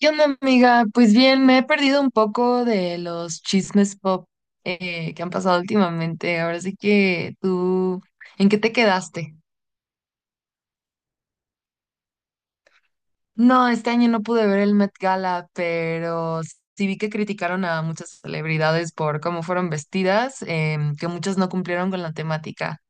¿Qué onda, amiga? Pues bien, me he perdido un poco de los chismes pop que han pasado últimamente. Ahora sí que tú, ¿en qué te quedaste? No, este año no pude ver el Met Gala, pero sí vi que criticaron a muchas celebridades por cómo fueron vestidas, que muchas no cumplieron con la temática.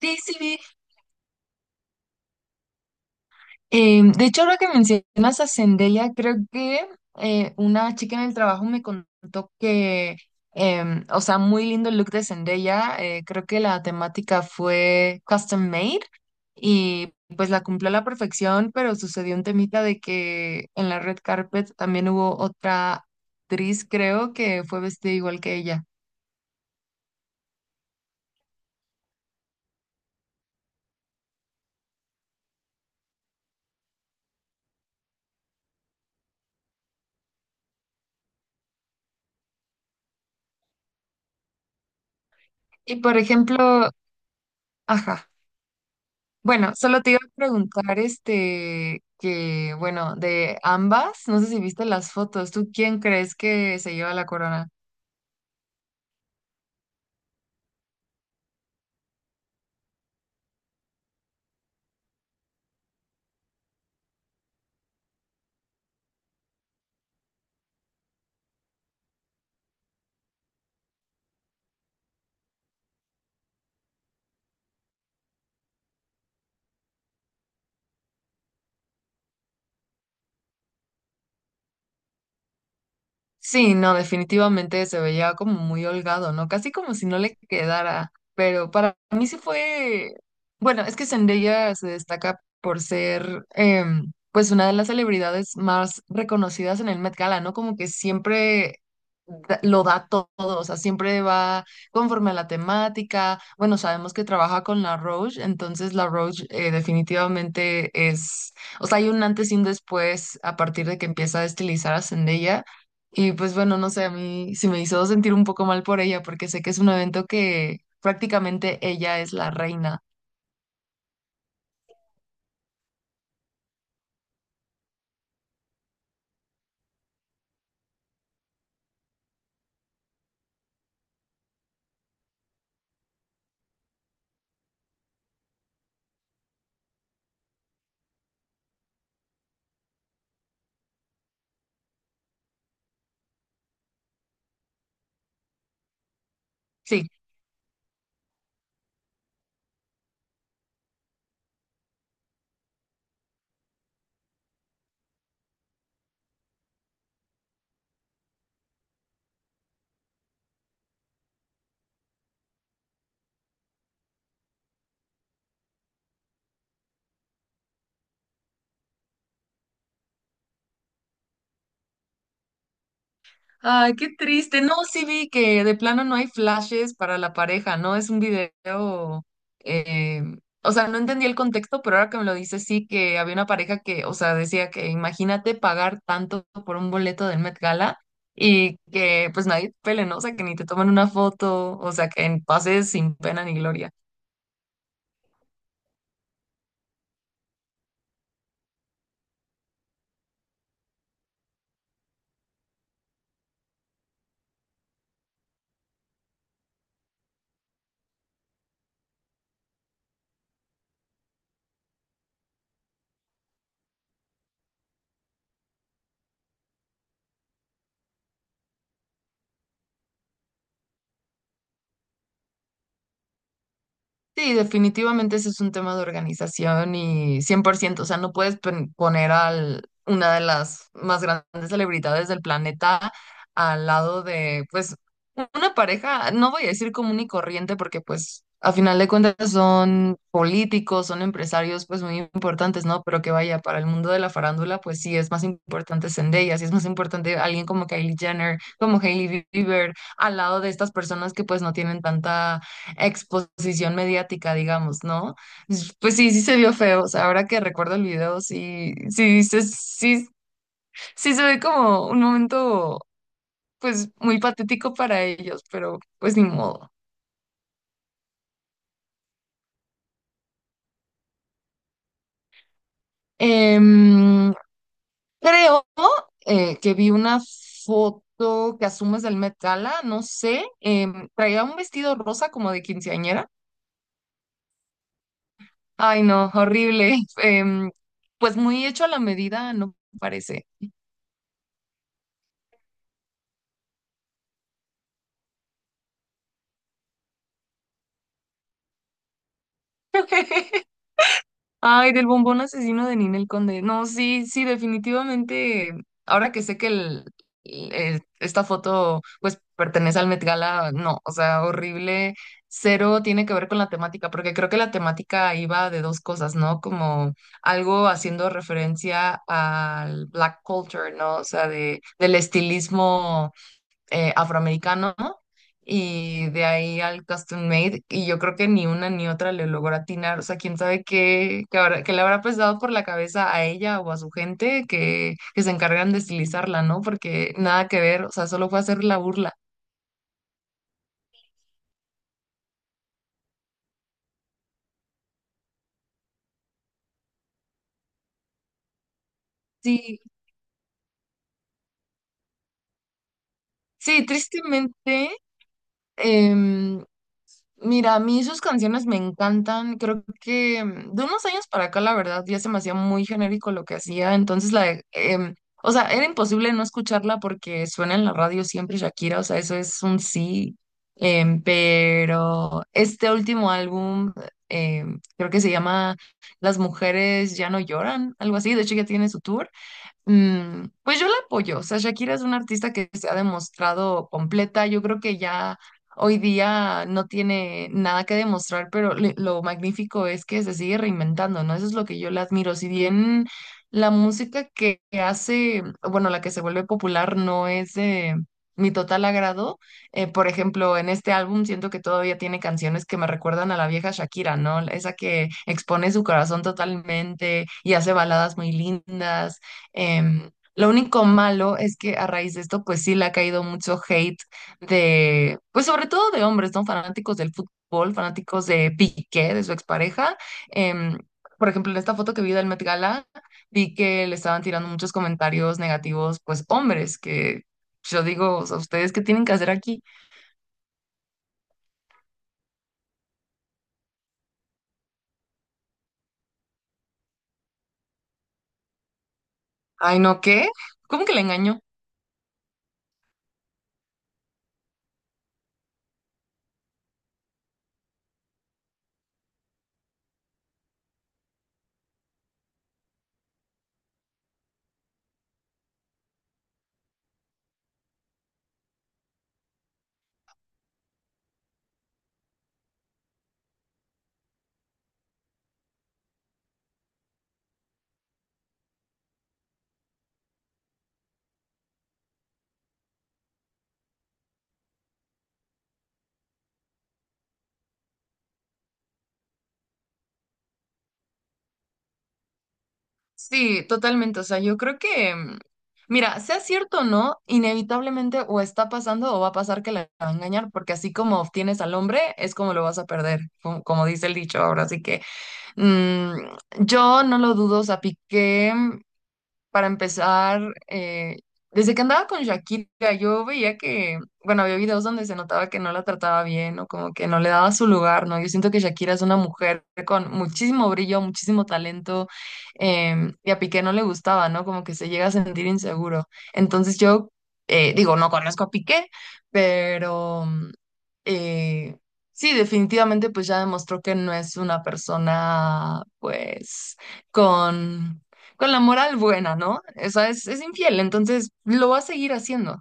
Sí, sí vi. De hecho, ahora que mencionas a Zendaya, creo que una chica en el trabajo me contó que, o sea, muy lindo el look de Zendaya. Creo que la temática fue custom made y pues la cumplió a la perfección, pero sucedió un temita de que en la red carpet también hubo otra actriz, creo, que fue vestida igual que ella. Y por ejemplo, ajá. Bueno, solo te iba a preguntar, que, bueno, de ambas, no sé si viste las fotos, ¿tú quién crees que se lleva la corona? Sí, no, definitivamente se veía como muy holgado, ¿no? Casi como si no le quedara, pero para mí sí fue, bueno, es que Zendaya se destaca por ser, pues, una de las celebridades más reconocidas en el Met Gala, ¿no? Como que siempre lo todo, o sea, siempre va conforme a la temática. Bueno, sabemos que trabaja con La Roche, entonces La Roche definitivamente es, o sea, hay un antes y un después a partir de que empieza a estilizar a Zendaya. Y pues bueno, no sé, a mí sí me hizo sentir un poco mal por ella, porque sé que es un evento que prácticamente ella es la reina. Sí. Ay, qué triste. No, sí vi que de plano no hay flashes para la pareja, ¿no? Es un video, eh, o sea, no entendí el contexto, pero ahora que me lo dices, sí que había una pareja que, o sea, decía que imagínate pagar tanto por un boleto del Met Gala y que pues nadie te pele, ¿no? O sea, que ni te toman una foto, o sea, que pases sin pena ni gloria. Sí, definitivamente ese es un tema de organización y 100%, o sea, no puedes poner a una de las más grandes celebridades del planeta al lado de, pues, una pareja, no voy a decir común y corriente, porque pues a final de cuentas son políticos, son empresarios, pues muy importantes, ¿no? Pero que vaya, para el mundo de la farándula, pues sí, es más importante Zendaya, sí es más importante alguien como Kylie Jenner, como Hailey Bieber, al lado de estas personas que pues no tienen tanta exposición mediática, digamos, ¿no? Pues sí, sí se vio feo, o sea, ahora que recuerdo el video, sí, sí, sí, sí se ve como un momento, pues, muy patético para ellos, pero pues ni modo. Em, creo que vi una foto que asumes del Met Gala, no sé, traía un vestido rosa como de quinceañera. Ay, no, horrible. Em, pues muy hecho a la medida, no parece. Ay, del bombón asesino de Ninel Conde. No, sí, sí, definitivamente. Ahora que sé que esta foto pues pertenece al Met Gala, no, o sea, horrible. Cero tiene que ver con la temática, porque creo que la temática iba de dos cosas, ¿no? Como algo haciendo referencia al black culture, ¿no? O sea, del estilismo afroamericano, ¿no? Y de ahí al custom made, y yo creo que ni una ni otra le logró atinar, o sea, quién sabe qué, qué le habrá pesado por la cabeza a ella o a su gente que se encargan de estilizarla, ¿no? Porque nada que ver, o sea, solo fue hacer la burla. Sí, sí, tristemente. em, Mira, a mí sus canciones me encantan. Creo que de unos años para acá, la verdad, ya se me hacía muy genérico lo que hacía. Entonces, o sea, era imposible no escucharla porque suena en la radio siempre Shakira. O sea, eso es un sí. Pero este último álbum, creo que se llama Las mujeres ya no lloran, algo así. De hecho, ya tiene su tour. Pues yo la apoyo. O sea, Shakira es una artista que se ha demostrado completa. Yo creo que ya hoy día no tiene nada que demostrar, pero lo magnífico es que se sigue reinventando, ¿no? Eso es lo que yo le admiro. Si bien la música que hace, bueno, la que se vuelve popular no es de mi total agrado. Por ejemplo, en este álbum siento que todavía tiene canciones que me recuerdan a la vieja Shakira, ¿no? Esa que expone su corazón totalmente y hace baladas muy lindas. Em, lo único malo es que a raíz de esto, pues sí le ha caído mucho hate de, pues sobre todo de hombres, ¿no? Fanáticos del fútbol, fanáticos de Piqué, de su expareja. Em, por ejemplo, en esta foto que vi del Met Gala, vi que le estaban tirando muchos comentarios negativos, pues hombres, que yo digo, o sea, ¿ustedes qué tienen que hacer aquí? Ay, no, ¿qué? ¿Cómo que le engañó? Sí, totalmente. O sea, yo creo que, mira, sea cierto o no, inevitablemente o está pasando o va a pasar que la va a engañar, porque así como obtienes al hombre, es como lo vas a perder, como dice el dicho ahora. Así que mm, yo no lo dudo, o sea, Piqué, para empezar, desde que andaba con Shakira, yo veía que, bueno, había videos donde se notaba que no la trataba bien o como que no le daba su lugar, ¿no? Yo siento que Shakira es una mujer con muchísimo brillo, muchísimo talento, y a Piqué no le gustaba, ¿no? Como que se llega a sentir inseguro. Entonces yo, digo, no conozco a Piqué, pero eh, sí, definitivamente pues ya demostró que no es una persona, pues, con con la moral buena, ¿no? O sea, es infiel, entonces lo va a seguir haciendo.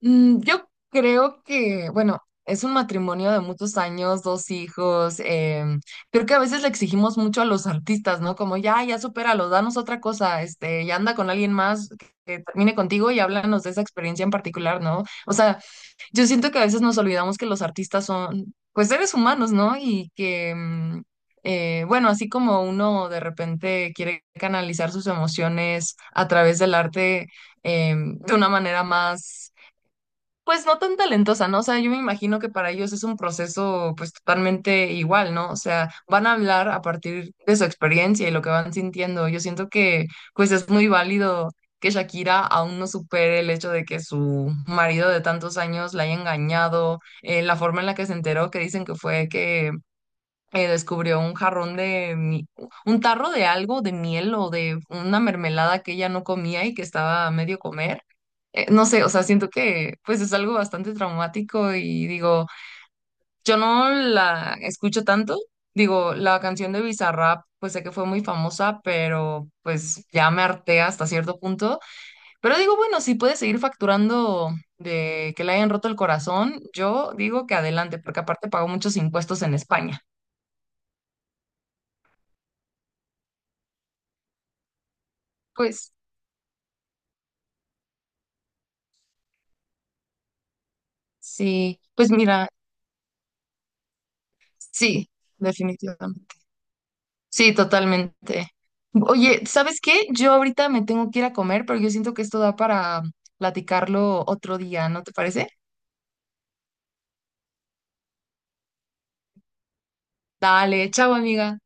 Yo creo que, bueno, es un matrimonio de muchos años, dos hijos. Creo que a veces le exigimos mucho a los artistas, ¿no? Como ya, ya supéralo, danos otra cosa, ya anda con alguien más que termine contigo y háblanos de esa experiencia en particular, ¿no? O sea, yo siento que a veces nos olvidamos que los artistas son, pues, seres humanos, ¿no? Y que, bueno, así como uno de repente quiere canalizar sus emociones a través del arte, de una manera más pues no tan talentosa, ¿no? O sea, yo me imagino que para ellos es un proceso pues totalmente igual, ¿no? O sea, van a hablar a partir de su experiencia y lo que van sintiendo. Yo siento que pues es muy válido que Shakira aún no supere el hecho de que su marido de tantos años la haya engañado, la forma en la que se enteró, que dicen que fue que descubrió un jarrón de, un tarro de algo, de miel o de una mermelada que ella no comía y que estaba a medio comer, no sé, o sea, siento que pues es algo bastante traumático, y digo, yo no la escucho tanto, digo, la canción de Bizarrap, pues sé que fue muy famosa, pero pues ya me harté hasta cierto punto, pero digo, bueno, si puede seguir facturando de que le hayan roto el corazón, yo digo que adelante, porque aparte pagó muchos impuestos en España. Pues sí, pues mira, sí, definitivamente. Sí, totalmente. Oye, ¿sabes qué? Yo ahorita me tengo que ir a comer, pero yo siento que esto da para platicarlo otro día, ¿no te parece? Dale, chao, amiga.